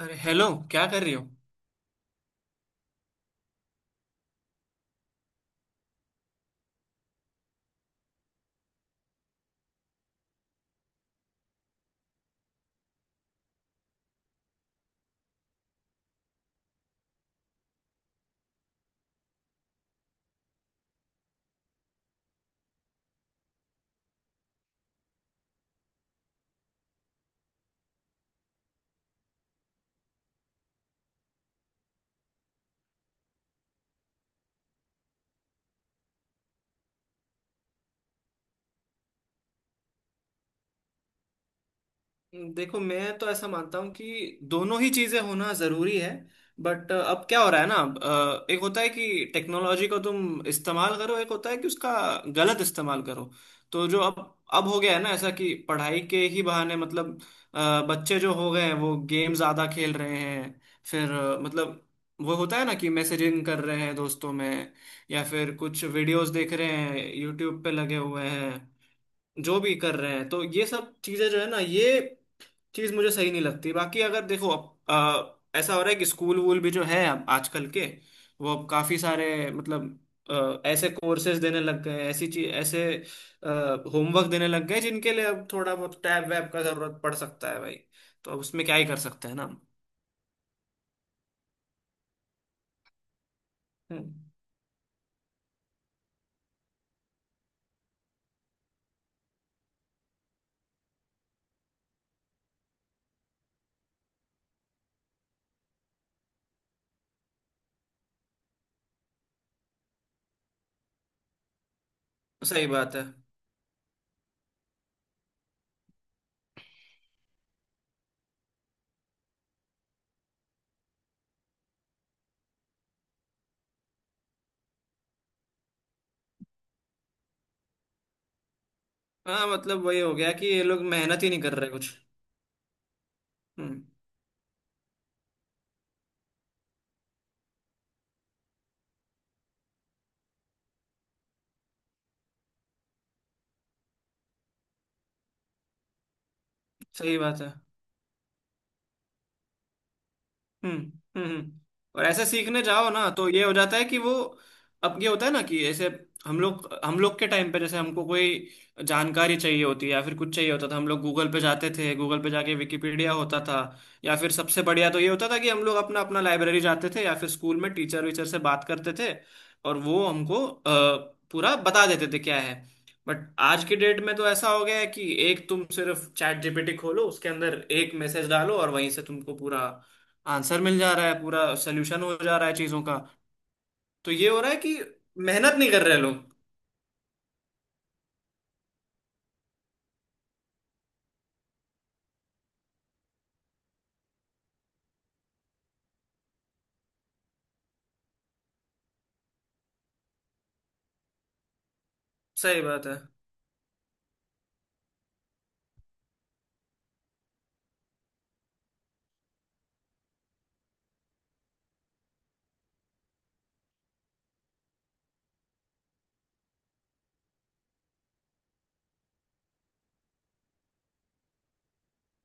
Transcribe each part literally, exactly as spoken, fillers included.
अरे हेलो। क्या कर रही हो? देखो, मैं तो ऐसा मानता हूँ कि दोनों ही चीजें होना जरूरी है। बट अब क्या हो रहा है ना अ, एक होता है कि टेक्नोलॉजी को तुम इस्तेमाल करो, एक होता है कि उसका गलत इस्तेमाल करो। तो जो अब अब हो गया है ना ऐसा कि पढ़ाई के ही बहाने मतलब अ, बच्चे जो हो गए हैं वो गेम ज्यादा खेल रहे हैं। फिर अ, मतलब वो होता है ना कि मैसेजिंग कर रहे हैं दोस्तों में, या फिर कुछ वीडियोस देख रहे हैं, यूट्यूब पे लगे हुए हैं। जो भी कर रहे हैं, तो ये सब चीजें जो है ना, ये चीज मुझे सही नहीं लगती। बाकी अगर देखो अब अ, ऐसा हो रहा है कि स्कूल वूल भी जो है अब आजकल के, वो अब काफी सारे मतलब अ, ऐसे कोर्सेज देने लग गए हैं, ऐसी चीज, ऐसे होमवर्क देने लग गए जिनके लिए अब थोड़ा बहुत टैब वैब का जरूरत पड़ सकता है भाई। तो अब उसमें क्या ही कर सकते हैं ना हम। हम्म। सही बात है। हाँ, मतलब वही हो गया कि ये लोग मेहनत ही नहीं कर रहे कुछ। हम्म। सही बात है। हम्म हम्म हम्म। और ऐसे सीखने जाओ ना तो ये हो जाता है कि वो अब ये होता है ना कि ऐसे हम लोग हम लोग के टाइम पे जैसे हमको कोई जानकारी चाहिए होती है या फिर कुछ चाहिए होता था, हम लोग गूगल पे जाते थे, गूगल पे जाके विकिपीडिया होता था, या फिर सबसे बढ़िया तो ये होता था कि हम लोग अपना अपना लाइब्रेरी जाते थे या फिर स्कूल में टीचर वीचर से बात करते थे, और वो हमको अ, पूरा बता देते थे क्या है। बट आज की डेट में तो ऐसा हो गया है कि एक तुम सिर्फ चैट जीपीटी खोलो, उसके अंदर एक मैसेज डालो और वहीं से तुमको पूरा आंसर मिल जा रहा है, पूरा सोल्यूशन हो जा रहा है चीजों का। तो ये हो रहा है कि मेहनत नहीं कर रहे लोग। सही बात है।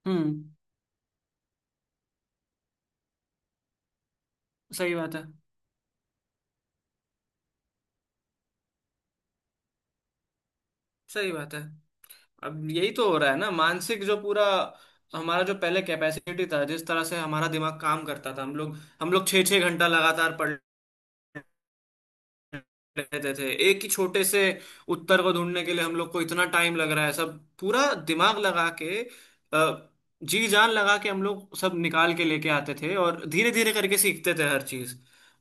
हम्म। सही बात है। सही बात है। अब यही तो हो रहा है ना मानसिक जो पूरा हमारा जो पहले कैपेसिटी था, जिस तरह से हमारा दिमाग काम करता था, हम लोग हम लोग छः छः घंटा लगातार पढ़ रहते थे एक ही छोटे से उत्तर को ढूंढने के लिए। हम लोग को इतना टाइम लग रहा है सब पूरा दिमाग लगा के, अ, जी जान लगा के हम लोग सब निकाल के लेके आते थे और धीरे धीरे करके सीखते थे हर चीज।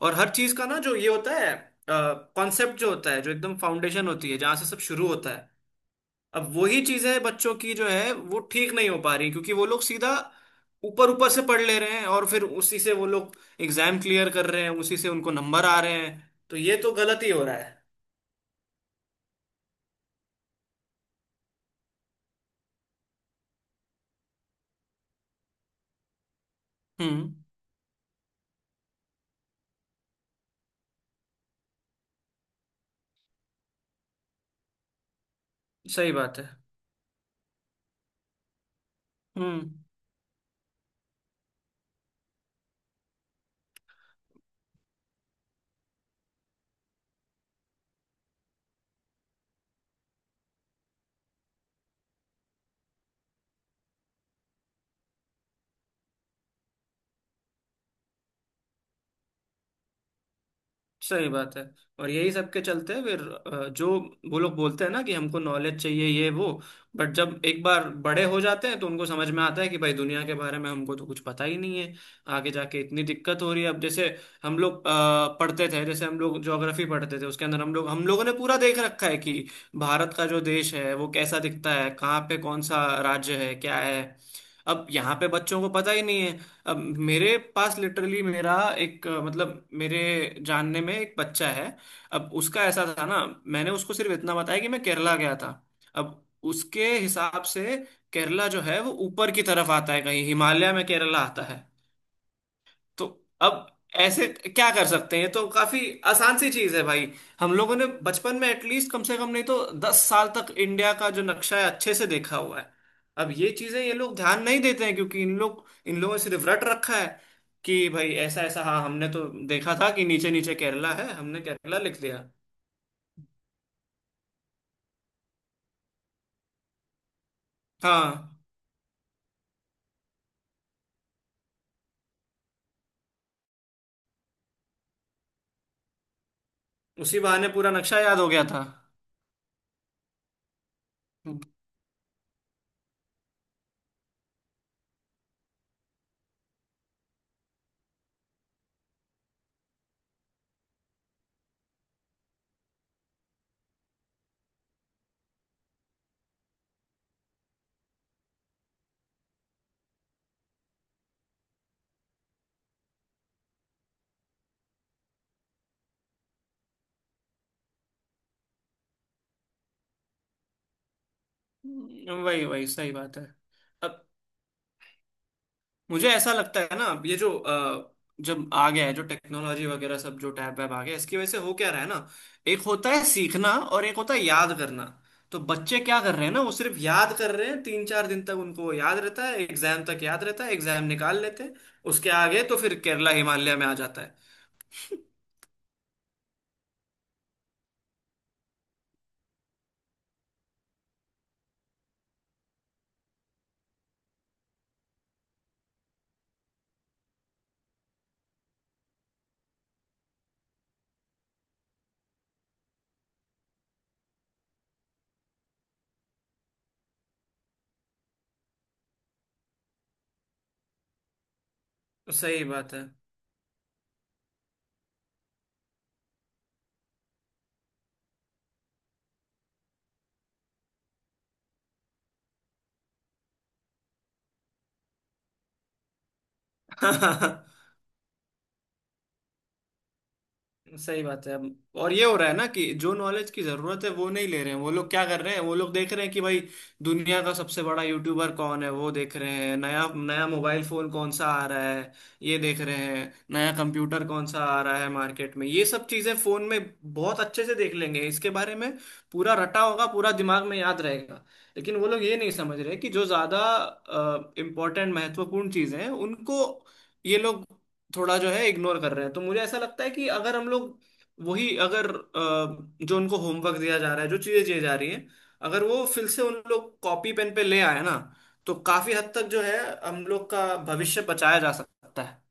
और हर चीज का ना जो ये होता है कॉन्सेप्ट जो होता है, जो एकदम फाउंडेशन होती है जहाँ से सब शुरू होता है, अब वही चीजें बच्चों की जो है वो ठीक नहीं हो पा रही, क्योंकि वो लोग सीधा ऊपर ऊपर से पढ़ ले रहे हैं और फिर उसी से वो लोग एग्जाम क्लियर कर रहे हैं, उसी से उनको नंबर आ रहे हैं। तो ये तो गलत ही हो रहा है। हम्म। सही बात है। हम्म। सही बात है। और यही सब के चलते फिर अ, जो वो लोग बोलते हैं ना कि हमको नॉलेज चाहिए ये वो, बट जब एक बार बड़े हो जाते हैं तो उनको समझ में आता है कि भाई दुनिया के बारे में हमको तो कुछ पता ही नहीं है। आगे जाके इतनी दिक्कत हो रही है। अब जैसे हम लोग अ, पढ़ते थे, जैसे हम लोग ज्योग्राफी पढ़ते थे, उसके अंदर हम लोग हम लोगों ने पूरा देख रखा है कि भारत का जो देश है वो कैसा दिखता है, कहाँ पे कौन सा राज्य है, क्या है। अब यहाँ पे बच्चों को पता ही नहीं है। अब मेरे पास लिटरली मेरा एक अ, मतलब मेरे जानने में एक बच्चा है। अब उसका ऐसा था ना, मैंने उसको सिर्फ इतना बताया कि मैं केरला गया था। अब उसके हिसाब से केरला जो है वो ऊपर की तरफ आता है, कहीं हिमालय में केरला आता है। तो अब ऐसे क्या कर सकते हैं? तो काफी आसान सी चीज है भाई, हम लोगों ने बचपन में एटलीस्ट कम से कम नहीं तो दस साल तक इंडिया का जो नक्शा है अच्छे से देखा हुआ है। अब ये चीजें ये लोग ध्यान नहीं देते हैं, क्योंकि इन लोग इन लोगों ने सिर्फ रट रखा है कि भाई ऐसा ऐसा, हाँ हमने तो देखा था कि नीचे नीचे केरला है, हमने केरला लिख दिया। हाँ, उसी बहाने पूरा नक्शा याद हो गया था। हम्म, वही वही सही बात है। अब मुझे ऐसा लगता है ना, ये जो अ, जब आ गया है जो टेक्नोलॉजी वगैरह सब, जो टैब वैब आ गया, इसकी वजह से हो क्या रहा है ना, एक होता है सीखना और एक होता है याद करना। तो बच्चे क्या कर रहे हैं ना, वो सिर्फ याद कर रहे हैं। तीन चार दिन तक उनको वो याद रहता है, एग्जाम तक याद रहता है, एग्जाम निकाल लेते हैं। उसके आगे तो फिर केरला हिमालय में आ जाता है। सही बात है। सही बात है। अब और ये हो रहा है ना कि जो नॉलेज की जरूरत है वो नहीं ले रहे हैं। वो लोग क्या कर रहे हैं, वो लोग देख रहे हैं कि भाई दुनिया का सबसे बड़ा यूट्यूबर कौन है, वो देख रहे हैं नया नया मोबाइल फोन कौन सा आ रहा है, ये देख रहे हैं नया कंप्यूटर कौन सा आ रहा है मार्केट में। ये सब चीजें फोन में बहुत अच्छे से देख लेंगे, इसके बारे में पूरा रटा होगा, पूरा दिमाग में याद रहेगा। लेकिन वो लोग ये नहीं समझ रहे कि जो ज्यादा इम्पोर्टेंट महत्वपूर्ण चीजें हैं उनको ये लोग थोड़ा जो है इग्नोर कर रहे हैं। तो मुझे ऐसा लगता है कि अगर हम लोग वही अगर अ, जो उनको होमवर्क दिया जा रहा है, जो चीजें दी जा रही हैं, अगर वो फिर से उन लोग कॉपी पेन पे ले आए ना, तो काफी हद तक जो है हम लोग का भविष्य बचाया जा सकता है।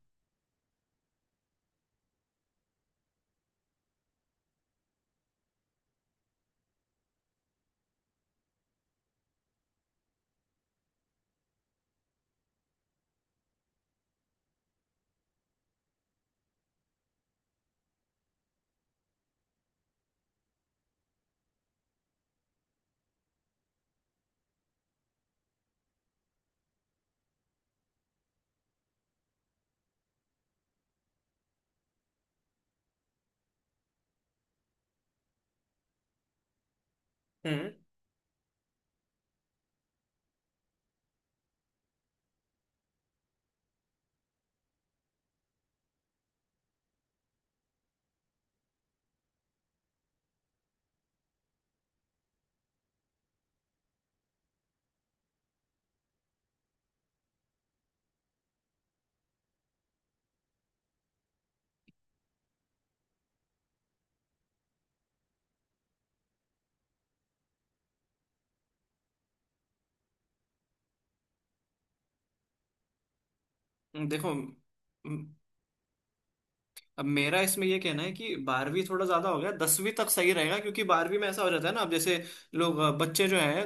हम्म। देखो, अब मेरा इसमें ये कहना है कि बारहवीं थोड़ा ज्यादा हो गया, दसवीं तक सही रहेगा, क्योंकि बारहवीं में ऐसा हो जाता है ना, अब जैसे लोग अ, बच्चे जो हैं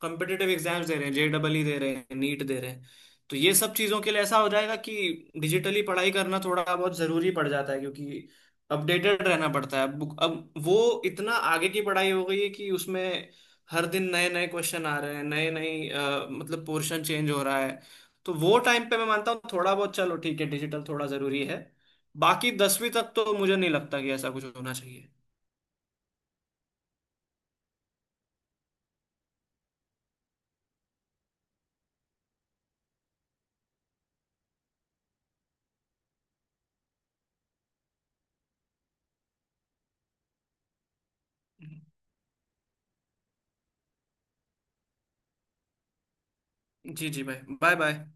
कम्पिटिटिव एग्जाम्स दे रहे हैं, जेडबलई दे रहे हैं, नीट दे रहे हैं। तो ये सब चीजों के लिए ऐसा हो जाएगा कि डिजिटली पढ़ाई करना थोड़ा बहुत जरूरी पड़ जाता है, क्योंकि अपडेटेड रहना पड़ता है। बुक अब वो इतना आगे की पढ़ाई हो गई है कि उसमें हर दिन नए नए क्वेश्चन आ रहे हैं, नए नए अ, मतलब पोर्शन चेंज हो रहा है। तो वो टाइम पे मैं मानता हूँ थोड़ा बहुत चलो ठीक है डिजिटल थोड़ा जरूरी है। बाकी दसवीं तक तो मुझे नहीं लगता कि ऐसा कुछ होना चाहिए। जी जी भाई बाय बाय।